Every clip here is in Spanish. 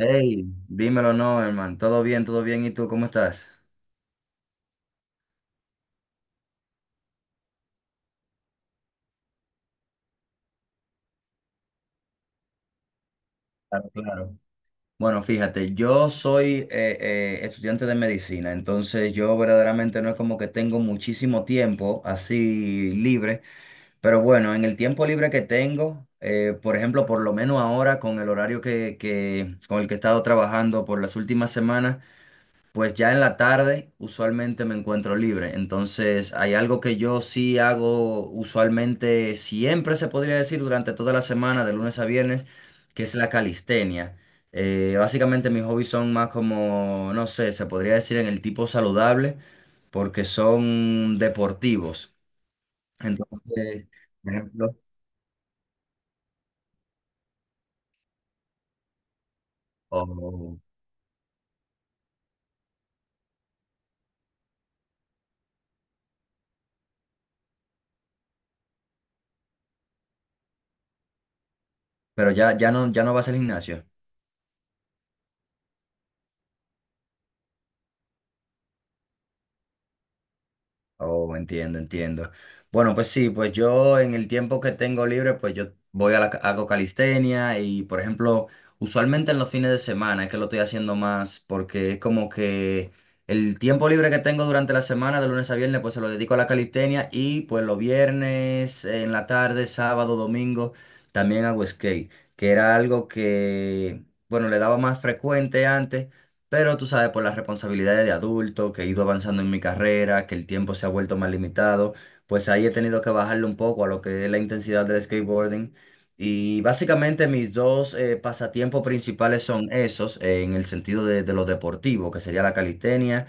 Hey, dímelo, no, hermano. Todo bien, todo bien. ¿Y tú cómo estás? Claro, claro. Bueno, fíjate, yo soy estudiante de medicina, entonces yo verdaderamente no es como que tengo muchísimo tiempo así libre, pero bueno, en el tiempo libre que tengo, por ejemplo, por lo menos ahora con el horario con el que he estado trabajando por las últimas semanas, pues ya en la tarde usualmente me encuentro libre, entonces hay algo que yo sí hago usualmente, siempre se podría decir durante toda la semana, de lunes a viernes, que es la calistenia. Básicamente mis hobbies son más como, no sé, se podría decir en el tipo saludable, porque son deportivos. Entonces, por ejemplo, o- pero ya, ya no, ya no vas al gimnasio. Oh, entiendo, entiendo. Bueno, pues sí, pues yo en el tiempo que tengo libre, pues yo voy a hago calistenia y, por ejemplo, usualmente en los fines de semana es que lo estoy haciendo más porque es como que el tiempo libre que tengo durante la semana, de lunes a viernes, pues se lo dedico a la calistenia y pues los viernes en la tarde, sábado, domingo, también hago skate, que era algo que, bueno, le daba más frecuente antes. Pero tú sabes, por las responsabilidades de adulto, que he ido avanzando en mi carrera, que el tiempo se ha vuelto más limitado, pues ahí he tenido que bajarle un poco a lo que es la intensidad del skateboarding. Y básicamente mis dos pasatiempos principales son esos, en el sentido de lo deportivo, que sería la calistenia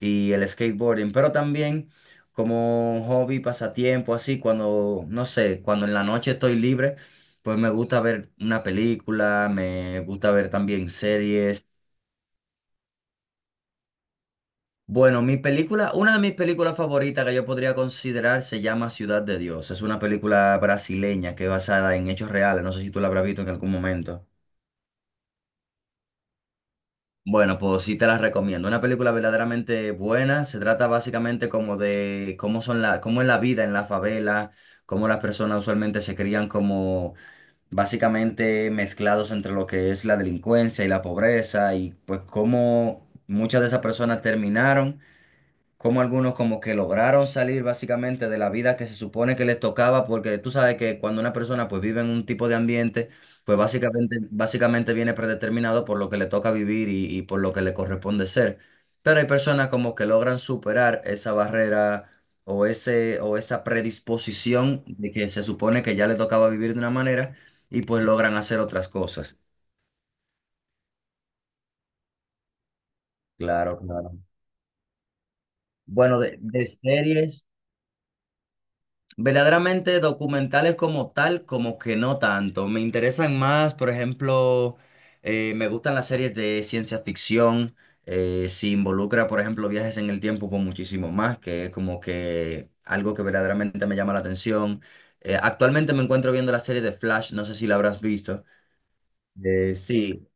y el skateboarding, pero también como hobby, pasatiempo, así, cuando, no sé, cuando en la noche estoy libre, pues me gusta ver una película, me gusta ver también series. Bueno, mi película, una de mis películas favoritas que yo podría considerar se llama Ciudad de Dios. Es una película brasileña que es basada en hechos reales. No sé si tú la habrás visto en algún momento. Bueno, pues sí te la recomiendo. Una película verdaderamente buena. Se trata básicamente como de cómo son cómo es la vida en la favela, cómo las personas usualmente se crían como básicamente mezclados entre lo que es la delincuencia y la pobreza y pues cómo muchas de esas personas terminaron, como algunos como que lograron salir básicamente de la vida que se supone que les tocaba, porque tú sabes que cuando una persona pues vive en un tipo de ambiente, pues básicamente, básicamente viene predeterminado por lo que le toca vivir y por lo que le corresponde ser. Pero hay personas como que logran superar esa barrera o esa predisposición de que se supone que ya le tocaba vivir de una manera y pues logran hacer otras cosas. Claro, claro. Bueno, de series. Verdaderamente documentales como tal, como que no tanto. Me interesan más, por ejemplo, me gustan las series de ciencia ficción, si involucra, por ejemplo, viajes en el tiempo con muchísimo más, que es como que algo que verdaderamente me llama la atención. Actualmente me encuentro viendo la serie de Flash, no sé si la habrás visto. Eh, sí,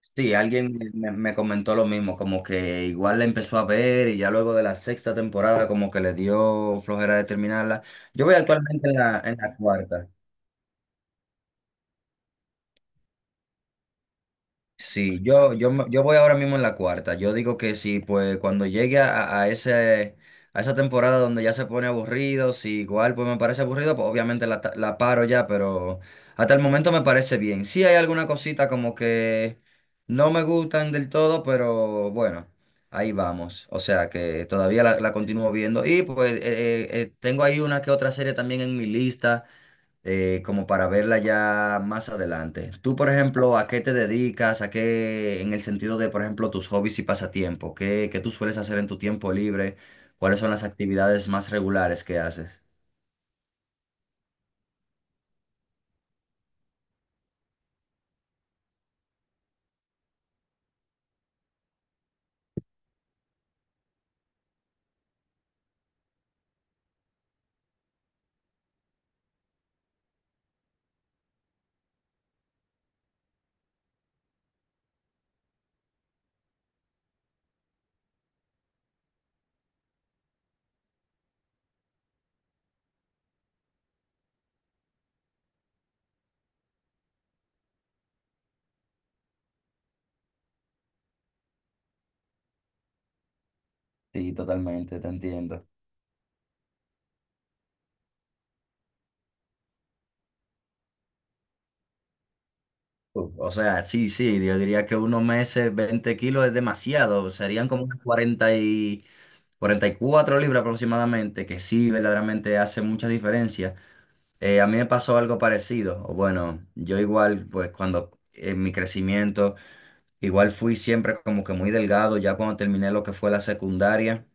Sí, alguien me comentó lo mismo, como que igual la empezó a ver y ya luego de la sexta temporada como que le dio flojera de terminarla. Yo voy actualmente en en la cuarta. Sí, yo voy ahora mismo en la cuarta. Yo digo que sí, pues cuando llegue a ese, a esa temporada donde ya se pone aburrido, si igual pues me parece aburrido, pues obviamente la paro ya, pero hasta el momento me parece bien. Sí hay alguna cosita como que no me gustan del todo, pero bueno, ahí vamos. O sea que todavía la continúo viendo. Y pues tengo ahí una que otra serie también en mi lista como para verla ya más adelante. Tú, por ejemplo, ¿a qué te dedicas? ¿A qué, en el sentido de, por ejemplo, tus hobbies y pasatiempos? ¿Qué, qué tú sueles hacer en tu tiempo libre? ¿Cuáles son las actividades más regulares que haces? Sí, totalmente, te entiendo. Uf, o sea, sí, sí, yo diría que unos meses, 20 kilos es demasiado, serían como unas 44 libras aproximadamente, que sí, verdaderamente hace mucha diferencia. A mí me pasó algo parecido. O bueno, yo igual, pues cuando en mi crecimiento, igual fui siempre como que muy delgado, ya cuando terminé lo que fue la secundaria,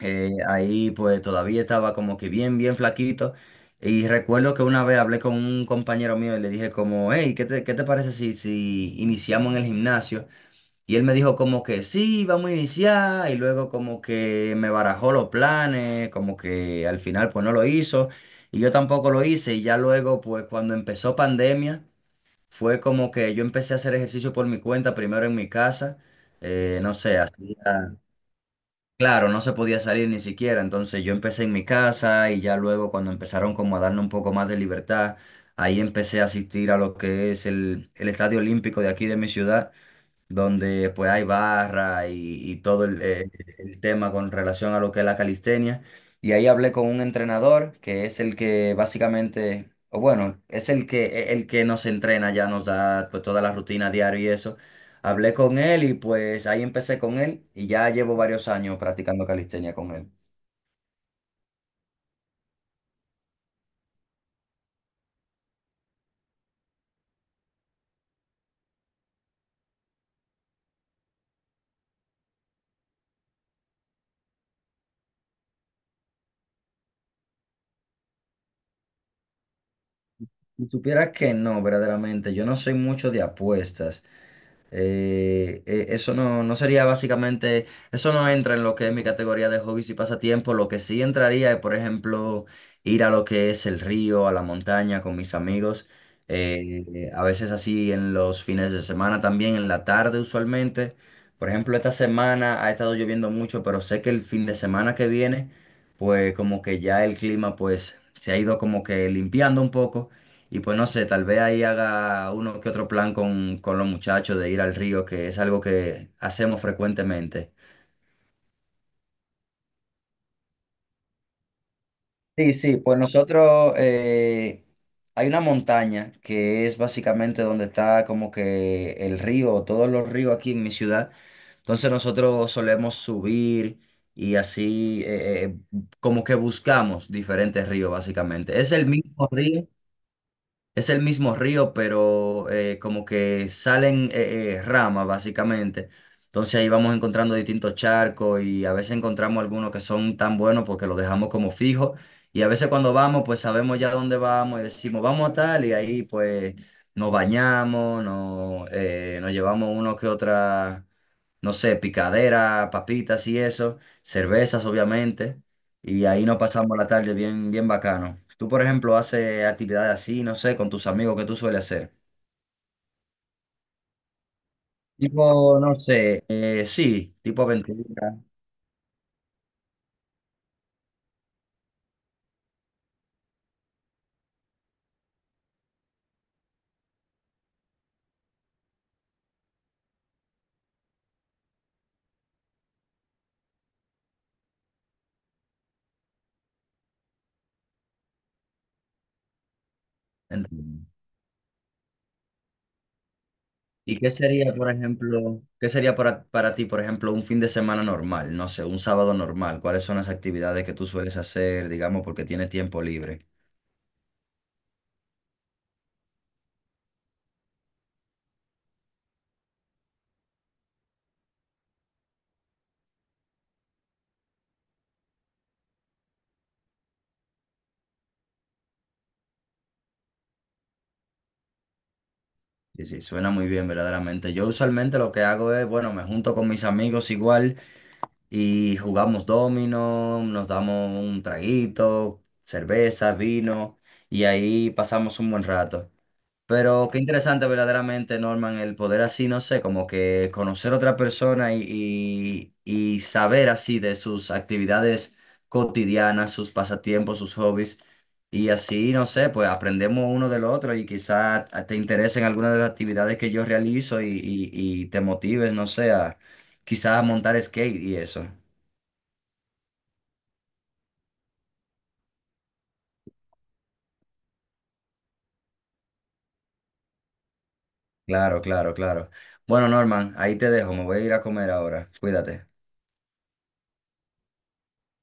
ahí pues todavía estaba como que bien, bien flaquito. Y recuerdo que una vez hablé con un compañero mío y le dije como, hey, qué te parece si iniciamos en el gimnasio? Y él me dijo como que sí, vamos a iniciar, y luego como que me barajó los planes, como que al final pues no lo hizo, y yo tampoco lo hice, y ya luego pues cuando empezó pandemia, fue como que yo empecé a hacer ejercicio por mi cuenta, primero en mi casa, no sé, hacía, claro, no se podía salir ni siquiera, entonces yo empecé en mi casa, y ya luego cuando empezaron como a darme un poco más de libertad, ahí empecé a asistir a lo que es el Estadio Olímpico de aquí de mi ciudad donde pues hay barra y todo el tema con relación a lo que es la calistenia. Y ahí hablé con un entrenador que es el que básicamente, o bueno, es el el que nos entrena, ya nos da pues toda la rutina diaria y eso. Hablé con él y pues ahí empecé con él y ya llevo varios años practicando calistenia con él. Si supieras que no, verdaderamente, yo no soy mucho de apuestas. Eso no, no sería básicamente, eso no entra en lo que es mi categoría de hobbies y pasatiempos. Lo que sí entraría es, por ejemplo, ir a lo que es el río, a la montaña con mis amigos. A veces así en los fines de semana también, en la tarde usualmente. Por ejemplo, esta semana ha estado lloviendo mucho, pero sé que el fin de semana que viene, pues como que ya el clima pues se ha ido como que limpiando un poco. Y pues no sé, tal vez ahí haga uno que otro plan con los muchachos de ir al río, que es algo que hacemos frecuentemente. Sí, sí, pues nosotros hay una montaña que es básicamente donde está como que el río, todos los ríos aquí en mi ciudad. Entonces nosotros solemos subir y así como que buscamos diferentes ríos básicamente. Es el mismo río, es el mismo río, pero como que salen ramas, básicamente. Entonces ahí vamos encontrando distintos charcos y a veces encontramos algunos que son tan buenos porque los dejamos como fijos. Y a veces cuando vamos, pues sabemos ya dónde vamos y decimos, vamos a tal, y ahí pues nos bañamos, nos llevamos uno que otra, no sé, picadera, papitas y eso, cervezas, obviamente. Y ahí nos pasamos la tarde bien, bien bacano. Tú, por ejemplo, haces actividades así, no sé, con tus amigos, ¿qué tú sueles hacer? Tipo, no sé, sí, tipo aventura. Entiendo. ¿Y qué sería, por ejemplo, qué sería para ti, por ejemplo, un fin de semana normal? No sé, un sábado normal. ¿Cuáles son las actividades que tú sueles hacer, digamos, porque tienes tiempo libre? Sí, sí, suena muy bien, verdaderamente. Yo usualmente lo que hago es, bueno, me junto con mis amigos igual. Y jugamos dominó, nos damos un traguito, cerveza, vino, y ahí pasamos un buen rato. Pero qué interesante verdaderamente, Norman, el poder así, no sé, como que conocer a otra persona y saber así de sus actividades cotidianas, sus pasatiempos, sus hobbies. Y así, no sé, pues aprendemos uno del otro y quizá te interesen algunas de las actividades que yo realizo y te motives, no sé, a quizá montar skate y eso. Claro, claro, claro. Bueno, Norman, ahí te dejo, me voy a ir a comer ahora. Cuídate.